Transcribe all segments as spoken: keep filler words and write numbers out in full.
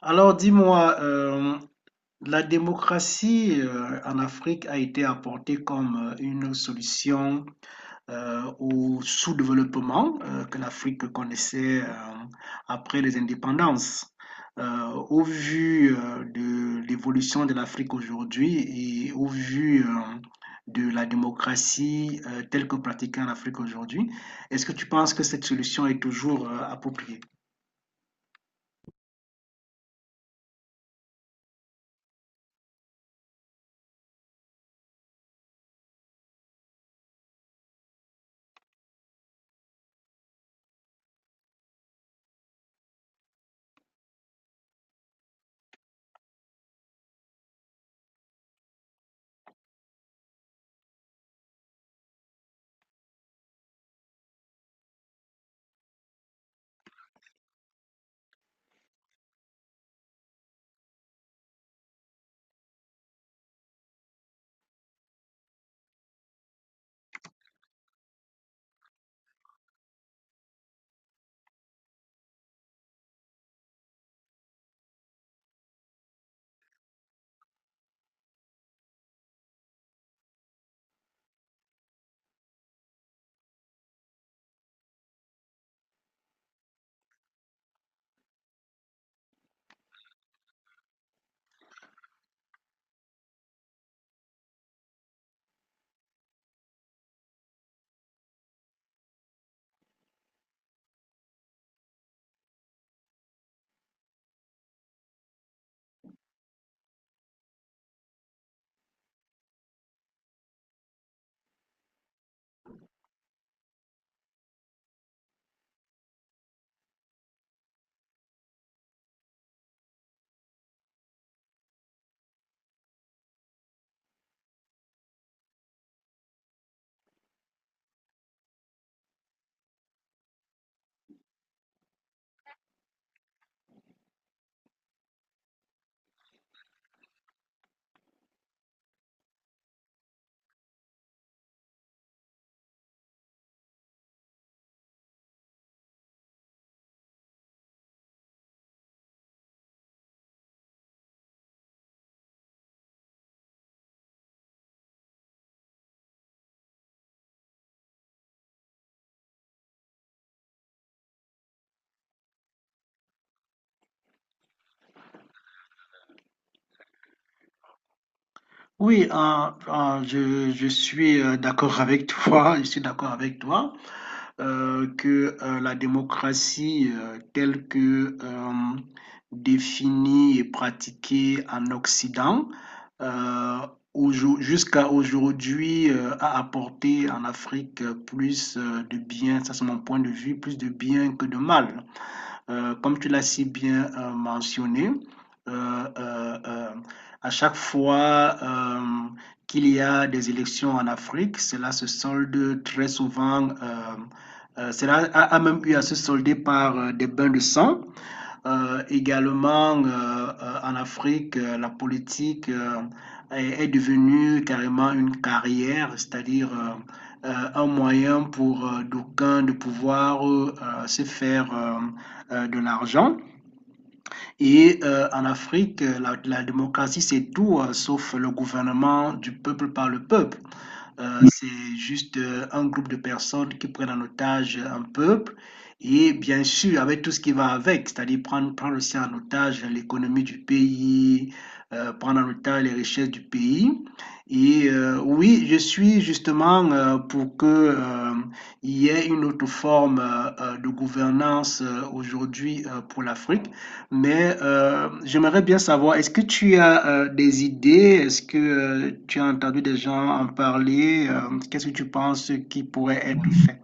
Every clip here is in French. Alors dis-moi, euh, la démocratie euh, en Afrique a été apportée comme euh, une solution euh, au sous-développement euh, que l'Afrique connaissait euh, après les indépendances. Euh, au vu euh, de l'évolution de l'Afrique aujourd'hui et au vu euh, de la démocratie euh, telle que pratiquée en Afrique aujourd'hui, est-ce que tu penses que cette solution est toujours euh, appropriée? Oui, euh, euh, je, je suis euh, d'accord avec toi, je suis d'accord avec toi euh, que euh, la démocratie euh, telle que euh, définie et pratiquée en Occident, euh, aujo- jusqu'à aujourd'hui euh, a apporté en Afrique euh, plus euh, de bien, ça c'est mon point de vue, plus de bien que de mal. Euh, comme tu l'as si bien euh, mentionné, euh, euh, euh, à chaque fois euh, qu'il y a des élections en Afrique, cela se solde très souvent. Euh, euh, cela a, a même eu à se solder par euh, des bains de sang euh, également. Euh, euh, en Afrique, euh, la politique euh, est, est devenue carrément une carrière, c'est-à-dire euh, euh, un moyen pour euh, d'aucuns de pouvoir euh, euh, se faire euh, euh, de l'argent. Et euh, en Afrique, euh, la, la démocratie, c'est tout, euh, sauf le gouvernement du peuple par le peuple. Euh, c'est juste euh, un groupe de personnes qui prennent en otage un peuple et bien sûr avec tout ce qui va avec, c'est-à-dire prendre, prendre aussi en otage l'économie du pays, euh, prendre en otage les richesses du pays. Et euh, oui, je suis justement euh, pour que euh, il y ait une autre forme euh, euh, de gouvernance euh, aujourd'hui euh, pour l'Afrique. Mais euh, j'aimerais bien savoir, est-ce que tu as euh, des idées? Est-ce que euh, tu as entendu des gens en parler? Euh, qu'est-ce que tu penses qui pourrait être fait?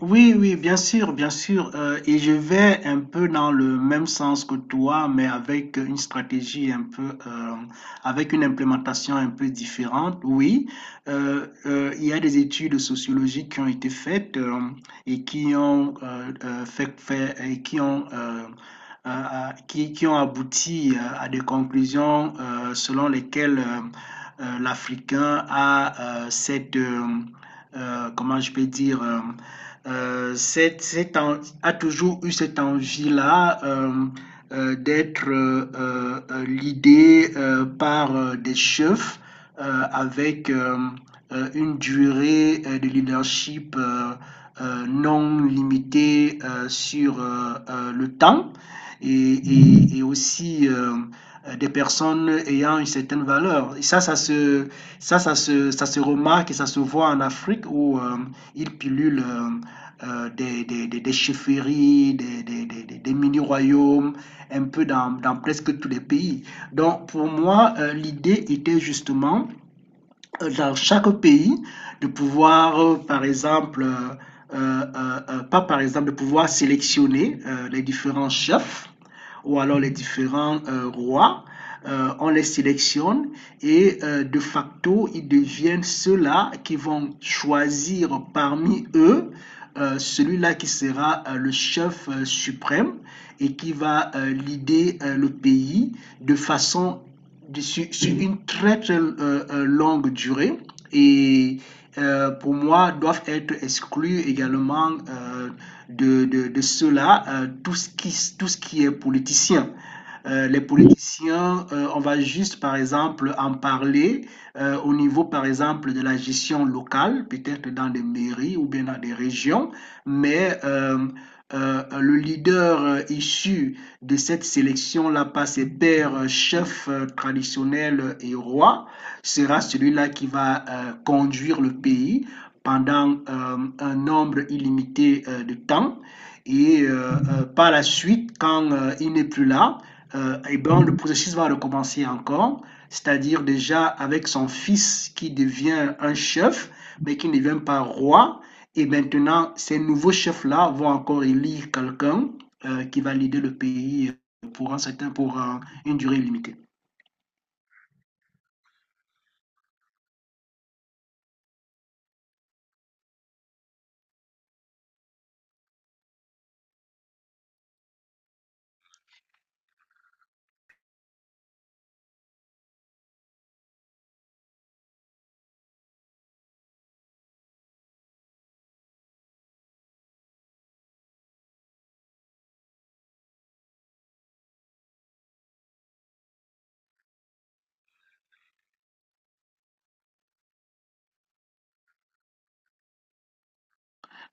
Oui, oui, bien sûr, bien sûr. Euh, et je vais un peu dans le même sens que toi, mais avec une stratégie un peu, euh, avec une implémentation un peu différente. Oui, euh, euh, il y a des études sociologiques qui ont été faites euh, et qui ont euh, euh, fait, fait- et qui ont euh, euh, euh, qui, qui ont abouti euh, à des conclusions euh, selon lesquelles euh, euh, l'Africain a euh, cette, euh, euh, comment je peux dire, euh, euh, c'est, c'est en- a toujours eu cette envie-là euh, euh, d'être euh, euh, euh, l'idée euh, par euh, des chefs euh, avec euh, euh, une durée euh, de leadership euh, euh, non limitée euh, sur euh, euh, le temps et, et- et aussi euh, euh, des personnes ayant une certaine valeur. Et ça, ça se, ça, ça se, ça se remarque et ça se voit en Afrique où euh, ils pilulent. euh, euh, des, des, des, des chefferies, des, des, des- des mini-royaumes, un peu dans, dans presque tous les pays. Donc pour moi, euh, l'idée était justement euh, dans chaque pays de pouvoir, euh, par exemple, euh, euh, euh, euh, pas par exemple, de pouvoir sélectionner euh, les différents chefs ou alors les différents euh, rois. Euh, on les sélectionne et euh, de facto, ils deviennent ceux-là qui vont choisir parmi eux euh, celui-là qui sera euh, le chef euh, suprême et qui va euh, leader euh, le pays de façon sur, sur une très très euh, euh, longue durée et euh, pour moi doivent être exclus également euh, de, de, de cela euh, tout ce qui, tout ce qui est politicien. Euh, les politiciens, euh, on va juste par exemple en parler euh, au niveau par exemple de la gestion locale, peut-être dans des mairies ou bien dans des régions, mais euh, euh, le leader euh, issu de cette sélection-là par ses pères chefs euh, traditionnels euh, et rois sera celui-là qui va euh, conduire le pays pendant euh, un nombre illimité euh, de temps. Et euh, euh, par la suite, quand euh, il n'est plus là, euh, eh ben, le processus va recommencer encore, c'est-à-dire déjà avec son fils qui devient un chef, mais qui ne devient pas roi. Et maintenant, ces nouveaux chefs-là vont encore élire quelqu'un euh, qui va l'aider le pays euh, pour, un certain, pour euh, une durée limitée.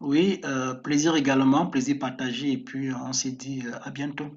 Oui, euh, plaisir également, plaisir partagé, et puis euh, on s'est dit euh, à bientôt.